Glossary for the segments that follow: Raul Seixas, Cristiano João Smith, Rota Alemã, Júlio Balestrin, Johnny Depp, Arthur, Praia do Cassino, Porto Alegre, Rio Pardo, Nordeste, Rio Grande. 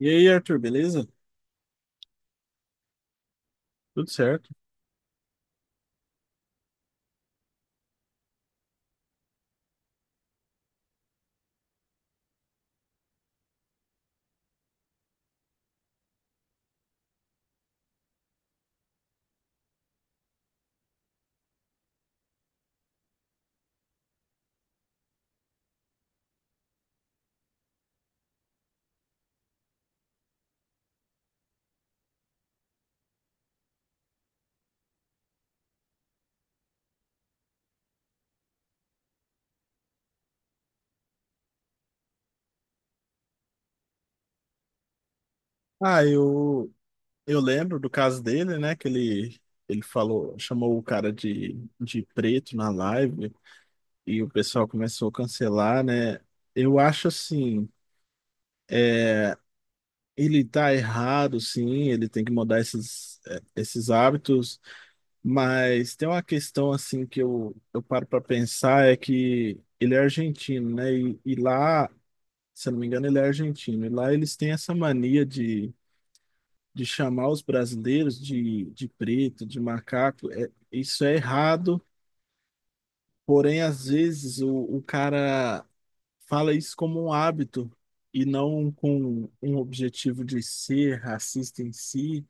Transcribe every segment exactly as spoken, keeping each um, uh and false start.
E aí, Arthur, beleza? Tudo certo? Ah, eu, eu lembro do caso dele, né? Que ele, ele falou, chamou o cara de, de preto na live e o pessoal começou a cancelar, né? Eu acho assim, é, ele tá errado, sim, ele tem que mudar esses, é, esses hábitos, mas tem uma questão assim que eu, eu paro para pensar é que ele é argentino, né? E, e lá, se eu não me engano, ele é argentino, e lá eles têm essa mania de de chamar os brasileiros de, de preto, de macaco, é, isso é errado, porém, às vezes, o, o cara fala isso como um hábito e não com um objetivo de ser racista em si,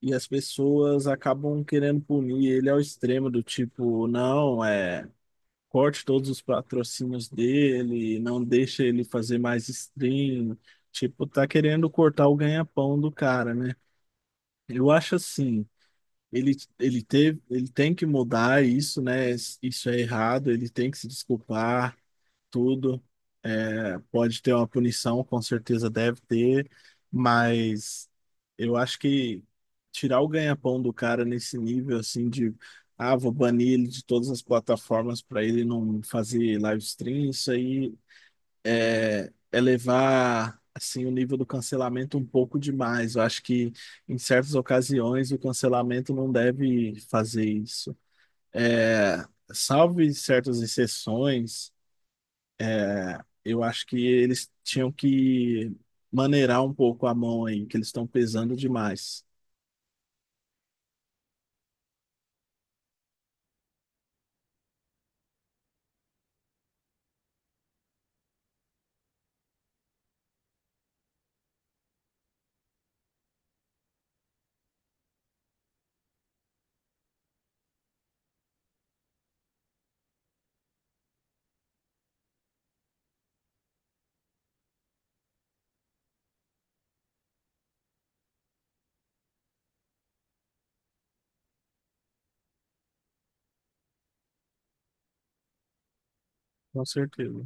e as pessoas acabam querendo punir ele ao extremo do tipo, não, é. Corte todos os patrocínios dele, não deixa ele fazer mais stream. Tipo, tá querendo cortar o ganha-pão do cara, né? Eu acho assim, Ele, ele teve, ele tem que mudar isso, né? Isso é errado, ele tem que se desculpar, tudo. É, pode ter uma punição, com certeza deve ter, mas eu acho que tirar o ganha-pão do cara nesse nível, assim, de, ah, vou banir ele de todas as plataformas para ele não fazer live stream, isso aí é, elevar assim o nível do cancelamento um pouco demais. Eu acho que em certas ocasiões o cancelamento não deve fazer isso. É, salvo em certas exceções, é, eu acho que eles tinham que maneirar um pouco a mão aí, que eles estão pesando demais. Com certeza.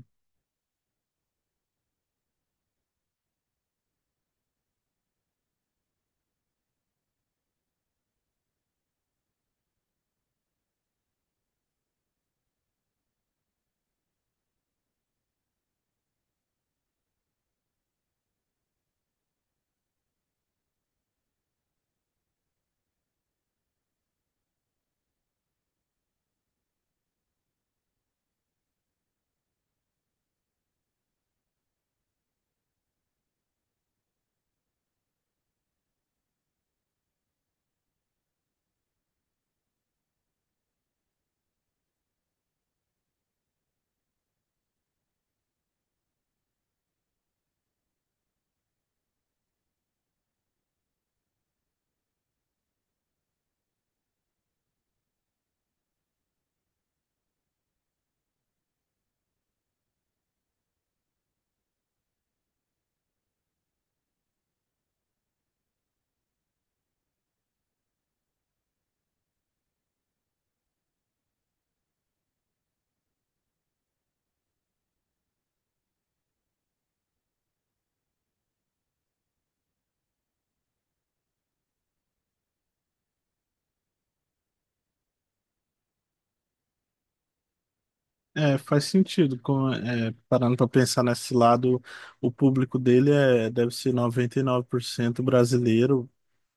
É, faz sentido, como, é, parando para pensar nesse lado, o público dele é, deve ser noventa e nove por cento brasileiro.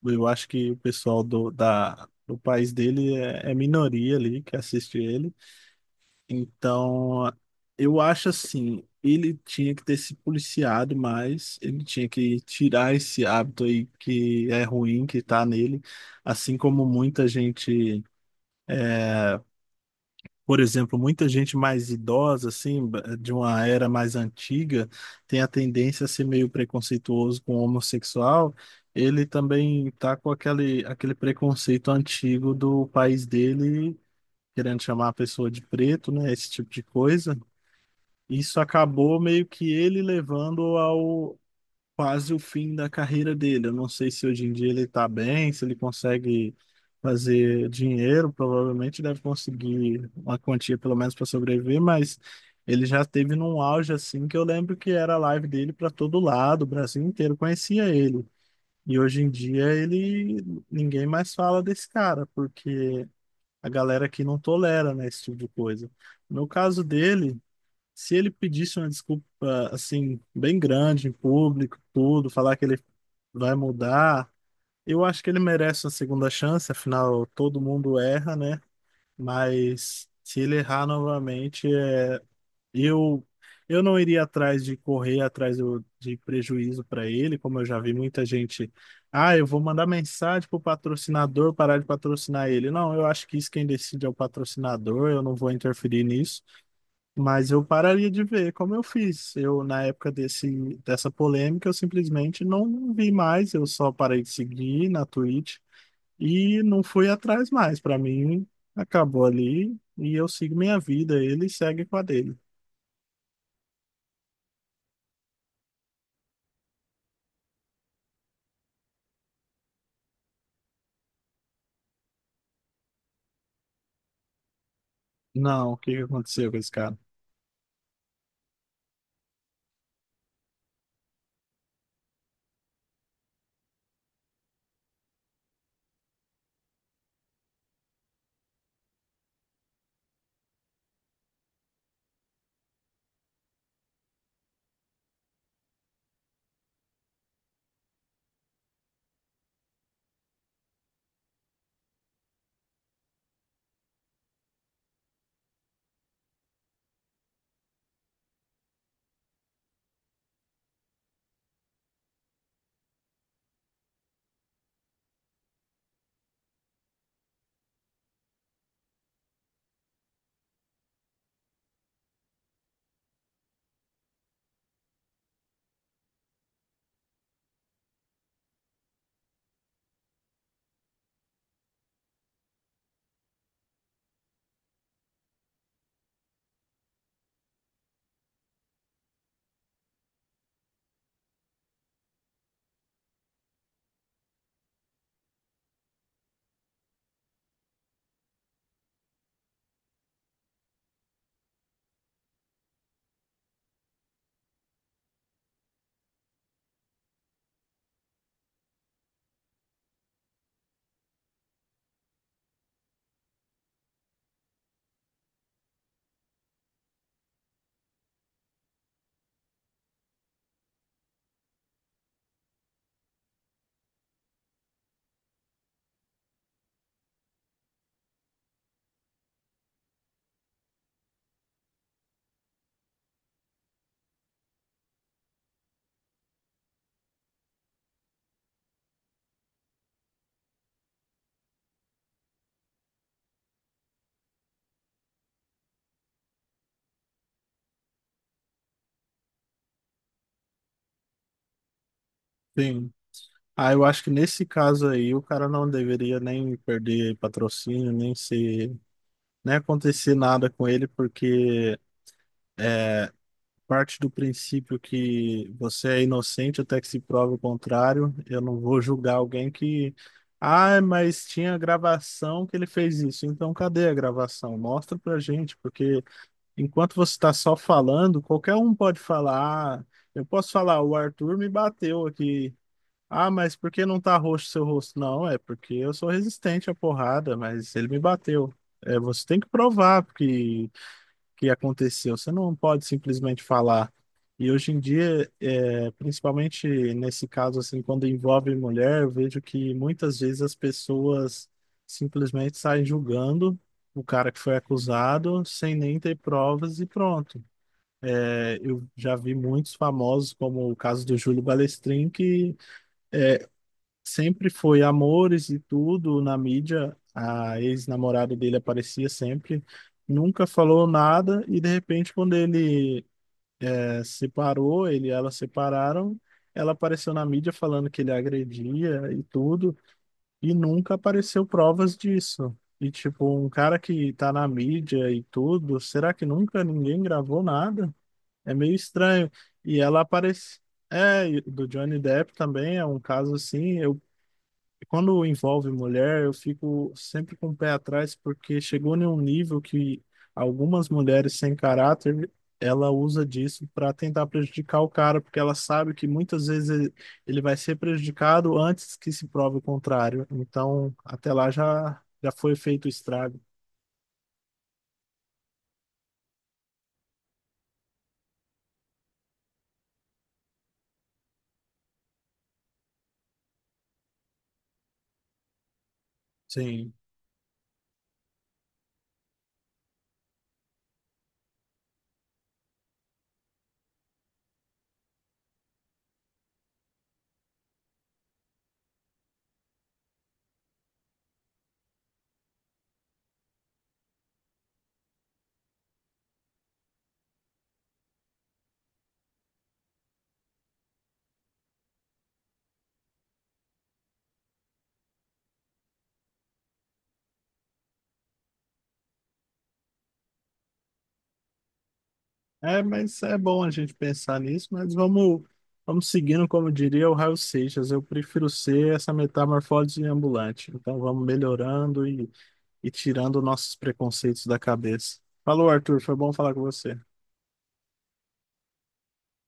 Eu acho que o pessoal do, da, do país dele é, é minoria ali que assiste ele. Então, eu acho assim, ele tinha que ter se policiado mais, ele tinha que tirar esse hábito aí que é ruim, que tá nele, assim como muita gente. Por exemplo, muita gente mais idosa, assim, ba- de uma era mais antiga, tem a tendência a ser meio preconceituoso com o homossexual. Ele também tá com aquele, aquele preconceito antigo do país dele, querendo chamar a pessoa de preto, né? Esse tipo de coisa. Isso acabou meio que ele levando quase o fim da carreira dele. Eu não sei se hoje em dia ele está bem, se ele consegue fazer dinheiro, provavelmente deve conseguir uma quantia pelo menos para sobreviver, mas ele já teve num auge assim que eu lembro que era a live dele para todo lado, o Brasil inteiro conhecia ele. E hoje em dia ele ninguém mais fala desse cara, porque a galera aqui não tolera, né, esse tipo de coisa. No caso dele, se ele pedisse uma desculpa, assim, bem grande em público, tudo, falar que ele vai mudar, eu acho que ele merece uma segunda chance, afinal, todo mundo erra, né? Mas se ele errar novamente, é... eu, eu não iria atrás de correr atrás do- de prejuízo para ele, como eu já vi muita gente. Ah, eu vou mandar mensagem pro patrocinador parar de patrocinar ele. Não, eu acho que isso quem decide é o patrocinador, eu não vou interferir nisso. Mas eu pararia de ver como eu fiz. Eu, na época desse, dessa polêmica, eu simplesmente não vi mais, eu só parei de seguir na Twitch e não fui atrás mais. Pra mim, acabou ali e eu sigo minha vida, ele segue com a dele. Não, o que que aconteceu com esse cara? Sim. Ah, eu acho que nesse caso aí, o cara não deveria nem perder patrocínio, nem se nem acontecer nada com ele, porque é parte do princípio que você é inocente até que se prove o contrário. Eu não vou julgar alguém que. Ah, mas tinha gravação que ele fez isso. Então, cadê a gravação? Mostra pra gente, porque enquanto você está só falando, qualquer um pode falar. Ah, eu posso falar, o Arthur me bateu aqui. Ah, mas por que não tá roxo seu rosto? Não, é porque eu sou resistente à porrada, mas ele me bateu. É, você tem que provar, porque que aconteceu. Você não pode simplesmente falar. E hoje em dia, é, principalmente nesse caso, assim, quando envolve mulher, eu vejo que muitas vezes as pessoas simplesmente saem julgando o cara que foi acusado sem nem ter provas e pronto. É, eu já vi muitos famosos, como o caso do Júlio Balestrin, que sempre foi amores e tudo na mídia. A ex-namorada dele aparecia sempre nunca falou nada e de repente quando ele separou, ele e ela separaram. Ela apareceu na mídia falando que ele agredia e tudo, e nunca apareceu provas disso. E, tipo, um cara que tá na mídia e tudo, será que nunca ninguém gravou nada? É meio estranho. E ela aparece. É, e do Johnny Depp também é um caso assim. Eu quando envolve mulher, eu fico sempre com o pé atrás, porque chegou em um nível que algumas mulheres sem caráter, ela usa disso para tentar prejudicar o cara, porque ela sabe que muitas vezes ele ele vai ser prejudicado antes que se prove o contrário. Então, até lá já, já foi feito o estrago. Sim. É, mas é bom a gente pensar nisso, mas vamos, vamos seguindo, como diria o Raul Seixas, eu prefiro ser essa metamorfose ambulante. Então vamos melhorando e e tirando nossos preconceitos da cabeça. Falou, Arthur, foi bom falar com você.